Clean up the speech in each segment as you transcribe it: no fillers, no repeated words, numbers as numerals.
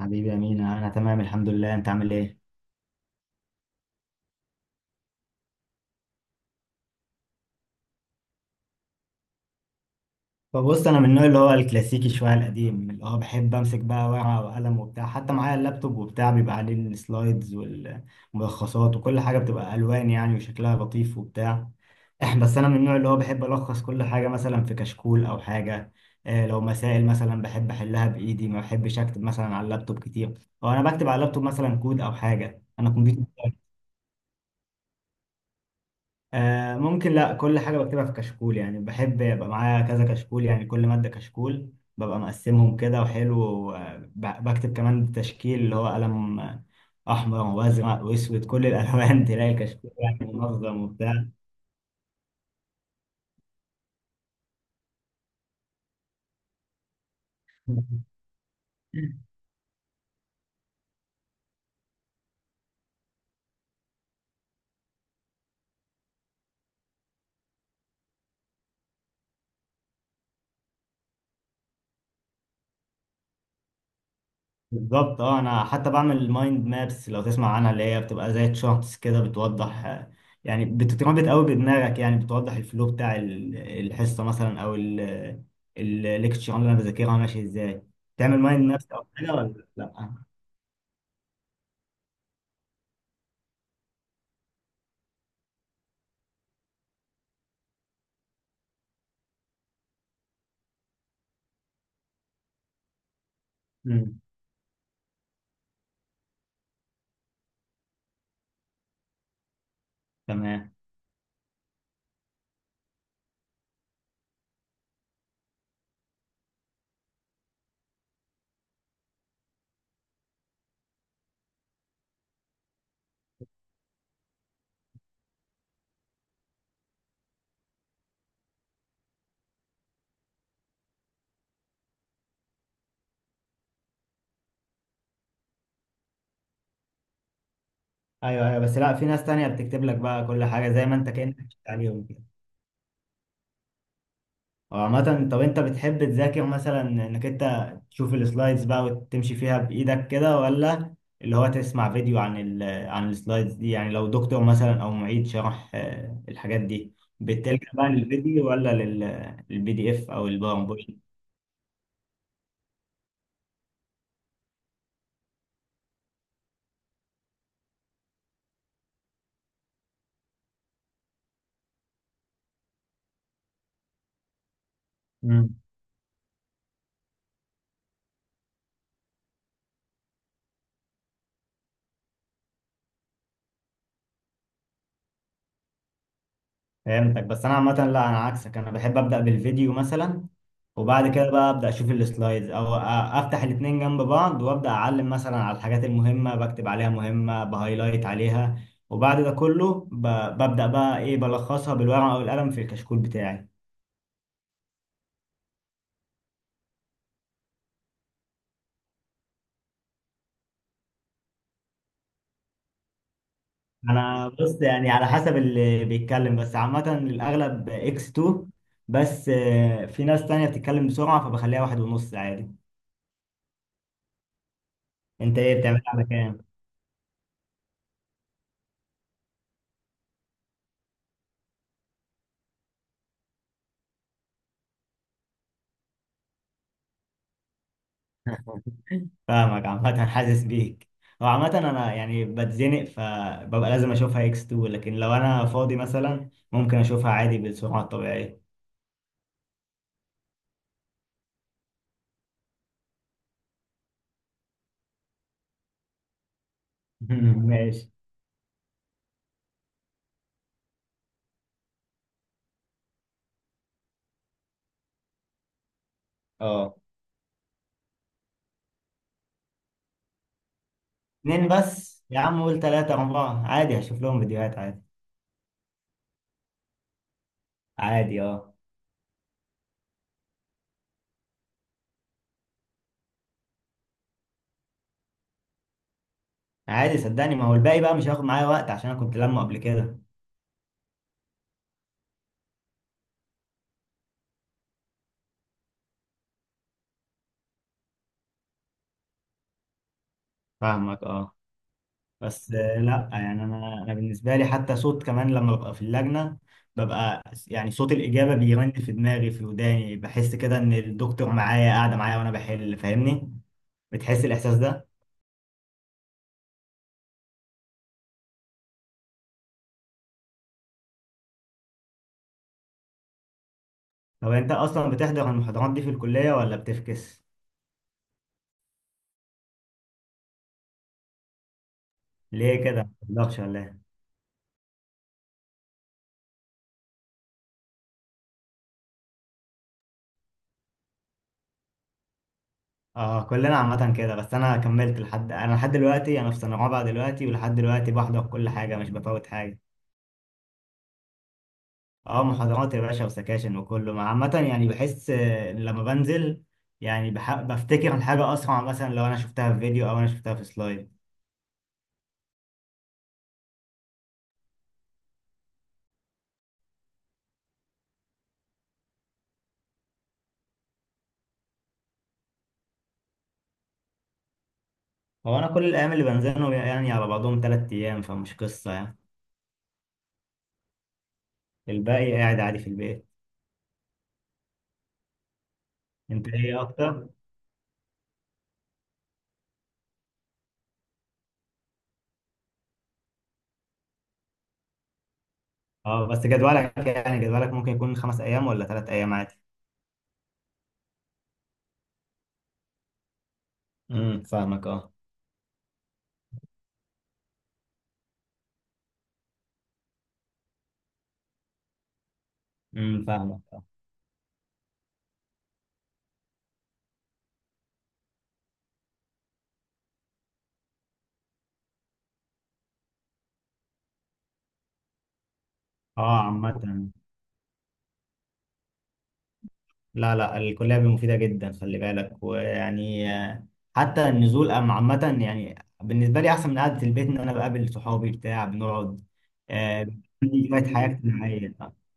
حبيبي يا مينا، انا تمام الحمد لله، انت عامل ايه؟ فبص، انا من النوع اللي هو الكلاسيكي شويه القديم، اللي هو بحب امسك بقى ورقه وقلم وبتاع، حتى معايا اللابتوب وبتاع بيبقى عليه السلايدز والملخصات، وكل حاجه بتبقى الوان يعني وشكلها لطيف وبتاع. بس انا من النوع اللي هو بحب الخص كل حاجه مثلا في كشكول او حاجه. لو مسائل مثلا بحب احلها بايدي، ما بحبش اكتب مثلا على اللابتوب كتير، او انا بكتب على اللابتوب مثلا كود او حاجه، انا كمبيوتر. آه ممكن، لا، كل حاجة بكتبها في كشكول يعني، بحب يبقى معايا كذا كشكول، يعني كل مادة كشكول. ببقى مقسمهم كده وحلو بكتب كمان تشكيل، اللي هو قلم أحمر وأزرق وأسود، كل الألوان. تلاقي الكشكول يعني منظم وبتاع. بالظبط اه، انا حتى بعمل مايند مابس، لو تسمع عنها، اللي هي بتبقى زي تشارتس كده بتوضح، يعني بتتربط قوي بدماغك، يعني بتوضح الفلو بتاع الحصه مثلا، او الليكتشر اللي انا بذاكرها ماشي ازاي. تعمل مايند مابس او حاجه ولا لا؟ امم. تمام. ايوه ايوه، بس لا، في ناس تانية بتكتب لك بقى كل حاجه، زي ما انت كانك مشيت عليهم. وعامة، طب انت بتحب تذاكر مثلا انك انت تشوف السلايدز بقى وتمشي فيها بايدك كده، ولا اللي هو تسمع فيديو عن عن السلايدز دي؟ يعني لو دكتور مثلا او معيد شرح الحاجات دي، بتلجأ بقى للفيديو ولا للبي دي اف او الباوربوينت؟ فهمتك. بس انا عامه لا، انا عكسك، انا بحب ابدا بالفيديو مثلا، وبعد كده بقى ابدا اشوف السلايدز، افتح الاتنين جنب بعض، وابدا اعلم مثلا على الحاجات المهمه، بكتب عليها مهمه، بهايلايت عليها، وبعد ده كله ببدا بقى ايه، بلخصها بالورقه والقلم في الكشكول بتاعي. انا بص، يعني على حسب اللي بيتكلم، بس عامه الاغلب اكس 2، بس في ناس تانية بتتكلم بسرعه فبخليها واحد ونص عادي. انت ايه بتعملها على كام؟ فاهمك. عامة حاسس بيك. هو عامة أنا يعني بتزنق فببقى لازم أشوفها إكس 2، لكن لو أنا فاضي مثلا ممكن أشوفها عادي بالسرعة الطبيعية. ماشي. اه، اتنين بس يا عم؟ قول تلاتة أربعة عادي، هشوف لهم فيديوهات عادي. عادي أه. عادي، صدقني، ما هو الباقي بقى مش هياخد معايا وقت عشان أنا كنت لمه قبل كده. فاهمك أه. بس لا، يعني انا بالنسبه لي حتى صوت كمان، لما ببقى في اللجنه ببقى يعني صوت الاجابه بيرن في دماغي في وداني، بحس كده ان الدكتور معايا قاعده معايا وانا بحل، فاهمني؟ بتحس الاحساس ده؟ طب انت اصلا بتحضر المحاضرات دي في الكليه ولا بتفكس؟ ليه كده، ما بتحضرش ولا ايه؟ اه، كلنا عامه كده. بس انا كملت لحد، انا لحد دلوقتي انا في سنه رابعه دلوقتي، ولحد دلوقتي بحضر كل حاجه، مش بفوت حاجه. اه محاضرات يا باشا وسكاشن وكله عامة يعني بحس لما بنزل، يعني بفتكر الحاجة أسرع، مثلا لو أنا شفتها في فيديو أو أنا شفتها في سلايد. هو أنا كل الأيام اللي بنزلهم يعني على بعضهم تلات أيام، فمش قصة يعني. الباقي قاعد عادي في البيت. أنت إيه أكتر؟ اه بس جدولك، يعني جدولك ممكن يكون خمس أيام ولا تلات أيام عادي. فاهمك اه. فاهمك اه. اه عامة. لا لا، الكلية مفيدة جدا، خلي بالك. ويعني حتى النزول عامة يعني بالنسبة لي أحسن من قعدة البيت، إن أنا بقابل صحابي بتاع بنقعد. آه، عندي شوية حياة اجتماعية.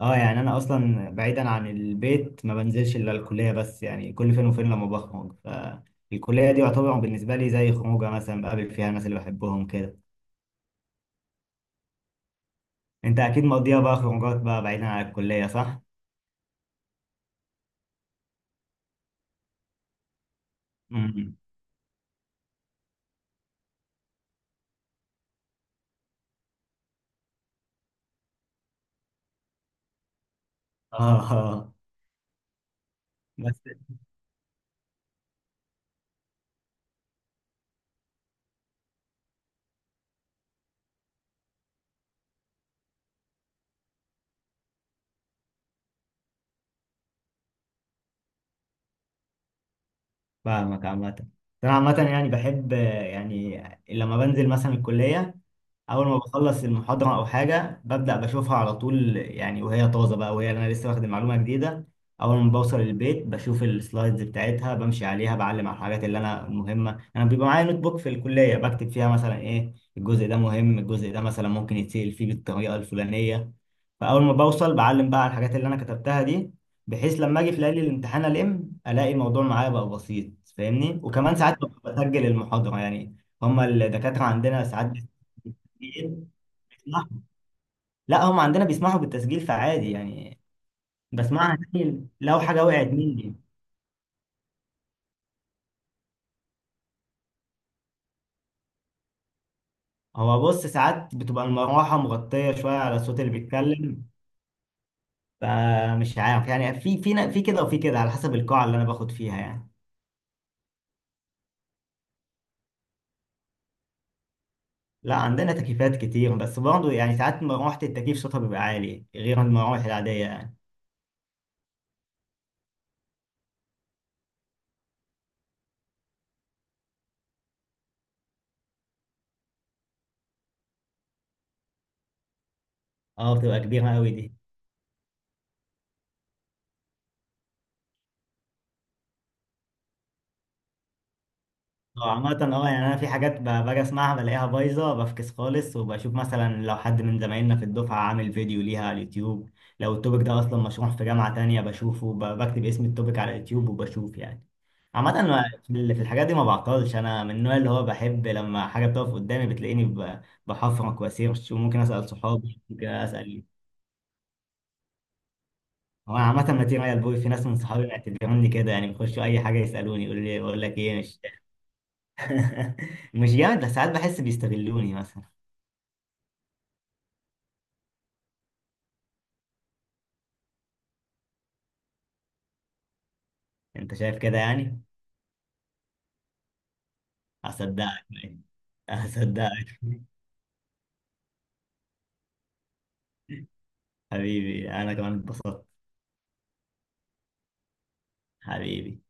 اه يعني أنا أصلا بعيدا عن البيت ما بنزلش إلا الكلية بس، يعني كل فين وفين لما بخرج، فالكلية دي يعتبر بالنسبة لي زي خروجة، مثلا بقابل فيها الناس اللي بحبهم كده. أنت أكيد مقضيها بقى خروجات بقى بعيدا عن الكلية صح؟ مم. اه آه. بس فاهمك عامة. أنا عامة يعني بحب، يعني لما بنزل مثلا الكلية، أول ما بخلص المحاضرة أو حاجة ببدأ بشوفها على طول، يعني وهي طازة بقى، وهي أنا لسه واخد معلومة جديدة. أول ما بوصل البيت بشوف السلايدز بتاعتها، بمشي عليها، بعلم على الحاجات اللي أنا مهمة. أنا بيبقى معايا نوت بوك في الكلية بكتب فيها مثلا إيه الجزء ده مهم، الجزء ده مثلا ممكن يتسأل فيه بالطريقة الفلانية. فاول ما بوصل بعلم بقى على الحاجات اللي انا كتبتها دي، بحيث لما اجي في ليالي الامتحان الاقي الموضوع معايا بقى بسيط، فاهمني؟ وكمان ساعات ببقى بسجل المحاضره يعني. هما الدكاتره عندنا ساعات بتسجيل بيسمحوا؟ لا هما عندنا بيسمحوا بالتسجيل فعادي يعني، بسمعها تاني لو حاجه وقعت مني. هو بص، ساعات بتبقى المروحه مغطيه شويه على الصوت اللي بيتكلم، فمش عارف يعني في كده وفي كده، على حسب القاعه اللي انا باخد فيها يعني. لا عندنا تكييفات كتير، بس برضه يعني ساعات مروحة التكييف صوتها بيبقى عالي غير المراوح العادية يعني. اه بتبقى كبيرة قوي دي. اه عامة اه، يعني أنا في حاجات باجي أسمعها بلاقيها بايظة بفكس خالص، وبشوف مثلا لو حد من زمايلنا في الدفعة عامل فيديو ليها على اليوتيوب. لو التوبيك ده أصلا مشروح في جامعة تانية بشوفه، بكتب اسم التوبيك على اليوتيوب وبشوف يعني. عامة أنا في في الحاجات دي ما بعطلش، أنا من النوع اللي هو بحب لما حاجة بتقف قدامي بتلاقيني بحفرك وأسيرش، وممكن أسأل صحابي، ممكن أسأل. هو أنا عامة متين على البوي، في ناس من صحابي معتبروني كده يعني، بيخشوا أي حاجة يسألوني، يقول لي بقول لك إيه مش. مش جامد، بس ساعات بحس بيستغلوني مثلا. أنت شايف كده يعني؟ هصدقك هصدقك. حبيبي، أنا كمان اتبسطت. حبيبي.